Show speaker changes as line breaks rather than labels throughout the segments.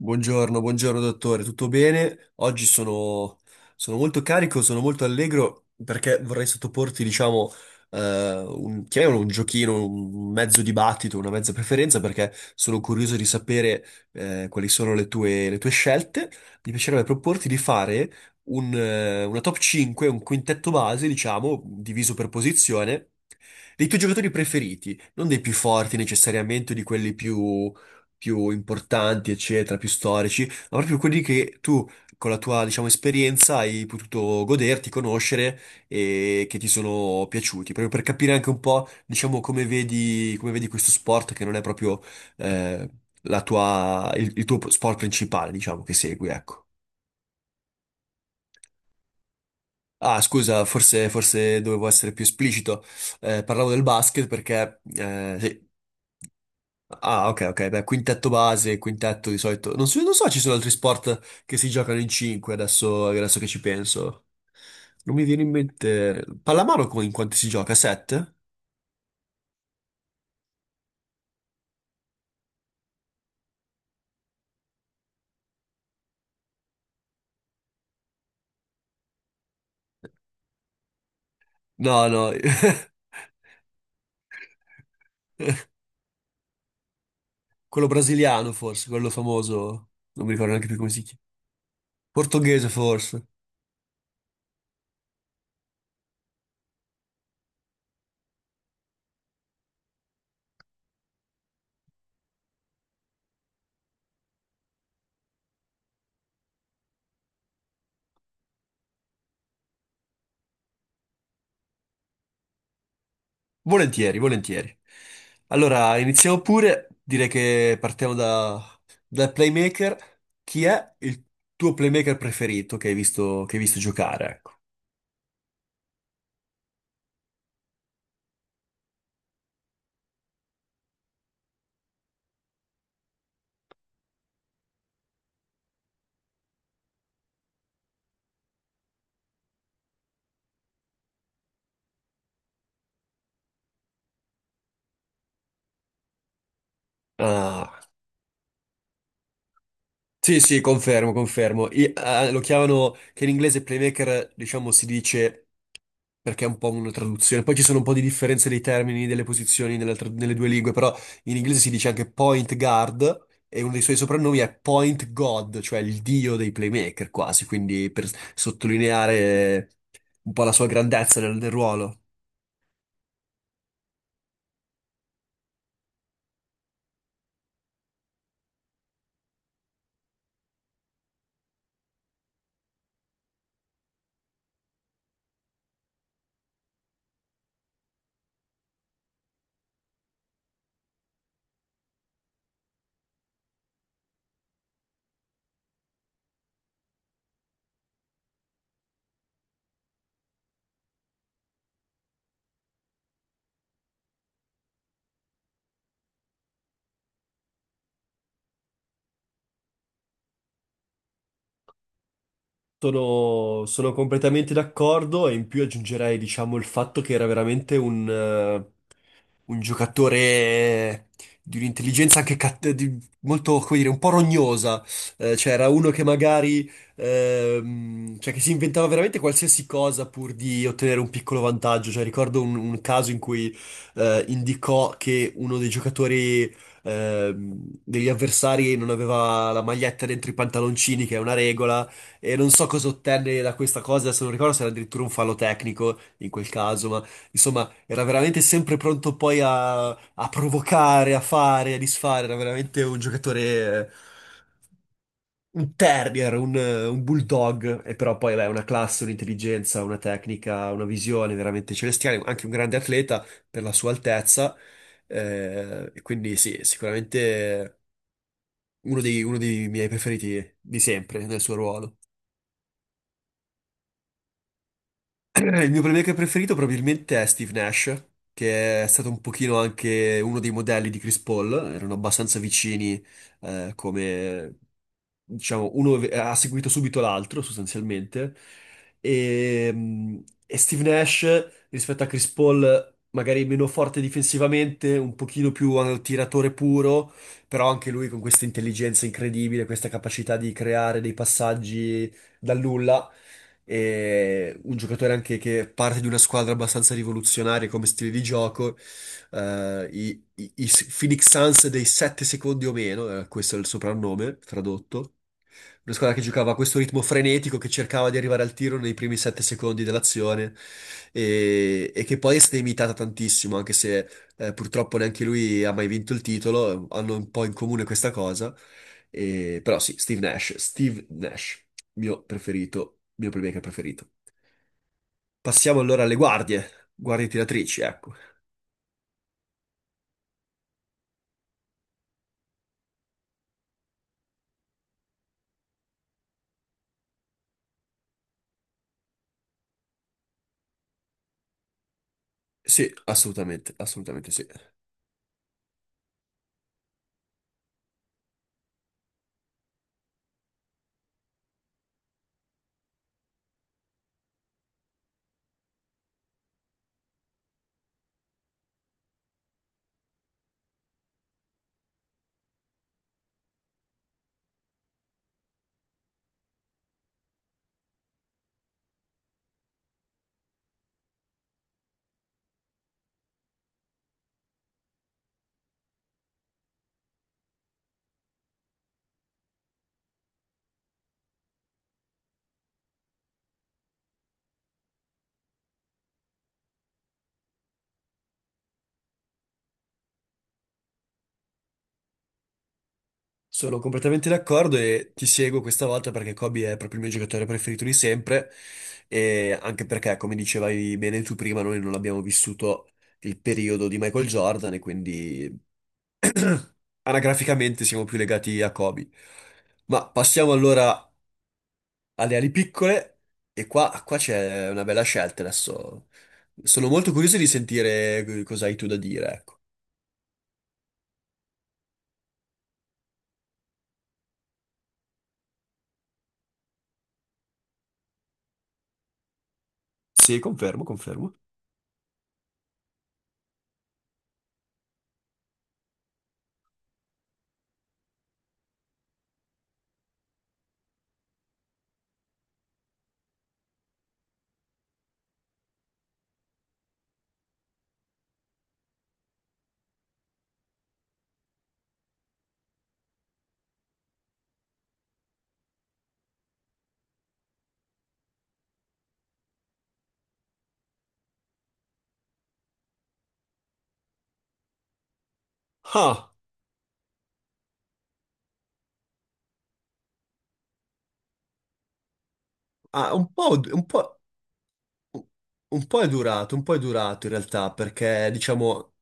Buongiorno, buongiorno dottore, tutto bene? Oggi sono, sono molto carico, sono molto allegro perché vorrei sottoporti, diciamo, un, chiamiamolo un giochino, un mezzo dibattito, una mezza preferenza perché sono curioso di sapere quali sono le tue scelte. Mi piacerebbe proporti di fare un, una top 5, un quintetto base, diciamo, diviso per posizione, dei tuoi giocatori preferiti, non dei più forti necessariamente o di quelli più più importanti, eccetera, più storici, ma proprio quelli che tu con la tua, diciamo, esperienza hai potuto goderti, conoscere e che ti sono piaciuti, proprio per capire anche un po', diciamo, come vedi questo sport che non è proprio eh, la tua, il tuo sport principale, diciamo, che segui, ecco. Ah, scusa, forse, forse dovevo essere più esplicito. Parlavo del basket perché sì. Ah, ok, ok, beh, quintetto base, quintetto di solito. Non so, non so, ci sono altri sport che si giocano in 5 adesso, adesso che ci penso. Non mi viene in mente. Pallamano co- in quanti si gioca? 7? No, no, quello brasiliano forse, quello famoso. Non mi ricordo neanche più come si chiama. Portoghese forse. Volentieri, volentieri. Allora, iniziamo pure. Direi che partiamo da, dal playmaker. Chi è il tuo playmaker preferito che hai visto giocare? Ecco. Ah. Sì, sì, confermo, confermo. I- lo chiamano, che in inglese playmaker, diciamo, si dice perché è un po' una traduzione. Poi ci sono un po' di differenze dei termini, delle posizioni nella tra- nelle due lingue, però in inglese si dice anche point guard e uno dei suoi soprannomi è point god, cioè il dio dei playmaker quasi, quindi per sottolineare un po' la sua grandezza nel, nel ruolo. Sono, sono completamente d'accordo e in più aggiungerei, diciamo, il fatto che era veramente un giocatore di un'intelligenza anche cat- di- molto, come dire, un po' rognosa. Cioè, era uno che magari, cioè, che si inventava veramente qualsiasi cosa pur di ottenere un piccolo vantaggio. Cioè, ricordo un caso in cui indicò che uno dei giocatori, degli avversari non aveva la maglietta dentro i pantaloncini, che è una regola, e non so cosa ottenne da questa cosa, se non ricordo se era addirittura un fallo tecnico in quel caso, ma insomma era veramente sempre pronto poi a, a provocare, a fare, a disfare. Era veramente un giocatore, eh, un terrier, un bulldog. E però poi, beh, una classe, un'intelligenza, una tecnica, una visione veramente celestiale. Anche un grande atleta per la sua altezza. E quindi sì, sicuramente uno dei miei preferiti di sempre nel suo ruolo. Il mio playmaker preferito probabilmente è Steve Nash, che è stato un pochino anche uno dei modelli di Chris Paul, erano abbastanza vicini, come diciamo, uno ve- ha seguito subito l'altro sostanzialmente. E Steve Nash rispetto a Chris Paul, magari meno forte difensivamente, un pochino più tiratore puro, però anche lui con questa intelligenza incredibile, questa capacità di creare dei passaggi dal nulla e un giocatore anche che parte di una squadra abbastanza rivoluzionaria come stile di gioco, i Phoenix Suns dei 7 secondi o meno, questo è il soprannome tradotto. Una squadra che giocava a questo ritmo frenetico, che cercava di arrivare al tiro nei primi 7 secondi dell'azione e che poi è stata imitata tantissimo, anche se purtroppo neanche lui ha mai vinto il titolo, hanno un po' in comune questa cosa. E- però sì, Steve Nash, mio preferito, mio playmaker preferito. Passiamo allora alle guardie, guardie tiratrici, ecco. Sì, assolutamente, assolutamente sì. Sono completamente d'accordo e ti seguo questa volta perché Kobe è proprio il mio giocatore preferito di sempre e anche perché, come dicevi bene tu prima, noi non abbiamo vissuto il periodo di Michael Jordan e quindi anagraficamente siamo più legati a Kobe. Ma passiamo allora alle ali piccole e qua, qua c'è una bella scelta adesso. Sono molto curioso di sentire cosa hai tu da dire, ecco. Sì, confermo, confermo. Ah, ah, un po', un po'. Un po' è durato, un po' è durato in realtà, perché diciamo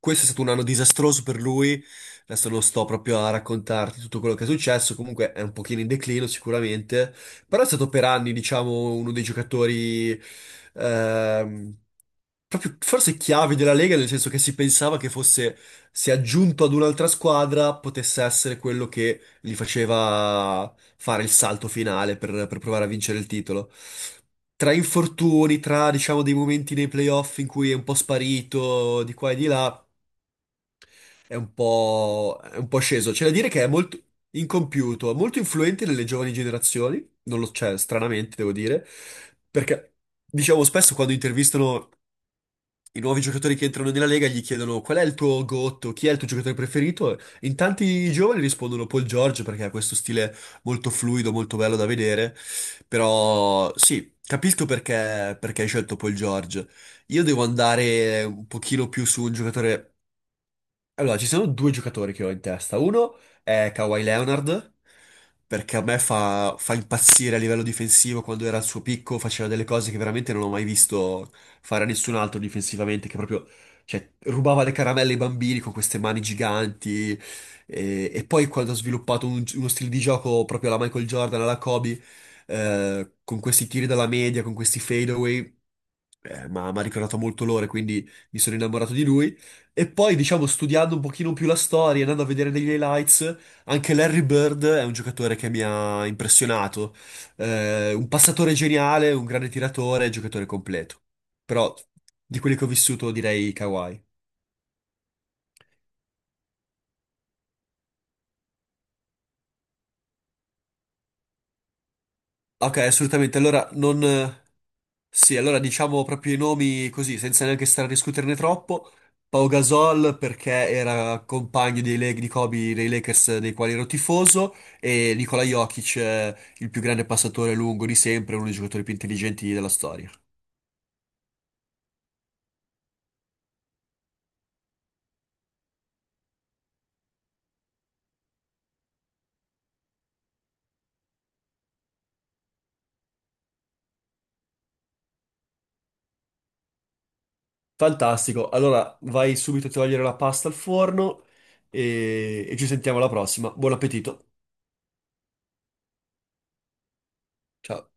questo è stato un anno disastroso per lui, adesso non sto proprio a raccontarti tutto quello che è successo, comunque è un pochino in declino sicuramente, però è stato per anni diciamo uno dei giocatori ehm, proprio forse chiavi della Lega, nel senso che si pensava che fosse, se aggiunto ad un'altra squadra, potesse essere quello che gli faceva fare il salto finale per provare a vincere il titolo. Tra infortuni, tra diciamo dei momenti nei playoff in cui è un po' sparito di qua e di là, è un po' sceso. C'è da dire che è molto incompiuto, molto influente nelle giovani generazioni, non lo, cioè, stranamente devo dire, perché diciamo spesso quando intervistano i nuovi giocatori che entrano nella Lega gli chiedono qual è il tuo gotto, chi è il tuo giocatore preferito. E in tanti giovani rispondono Paul George perché ha questo stile molto fluido, molto bello da vedere. Però sì, capisco perché, perché hai scelto Paul George. Io devo andare un pochino più su un giocatore allora, ci sono due giocatori che ho in testa. Uno è Kawhi Leonard, perché a me fa impazzire a livello difensivo. Quando era al suo picco faceva delle cose che veramente non ho mai visto fare a nessun altro difensivamente, che proprio, cioè, rubava le caramelle ai bambini con queste mani giganti. E poi quando ha sviluppato un- uno stile di gioco proprio alla Michael Jordan, alla Kobe, con questi tiri dalla media, con questi fadeaway, ma mi ha ricordato molto l'ore, quindi mi sono innamorato di lui. E poi, diciamo, studiando un pochino più la storia, andando a vedere degli highlights, anche Larry Bird è un giocatore che mi ha impressionato. Un passatore geniale, un grande tiratore, giocatore completo. Però di quelli che ho vissuto direi Kawhi. Ok, assolutamente. Allora, non, sì, allora diciamo proprio i nomi così, senza neanche stare a discuterne troppo. Pau Gasol perché era compagno dei, Lak- di Kobe dei Lakers dei quali ero tifoso e Nikola Jokic, il più grande passatore lungo di sempre, uno dei giocatori più intelligenti della storia. Fantastico, allora vai subito a togliere la pasta al forno e ci sentiamo alla prossima. Buon appetito. Ciao.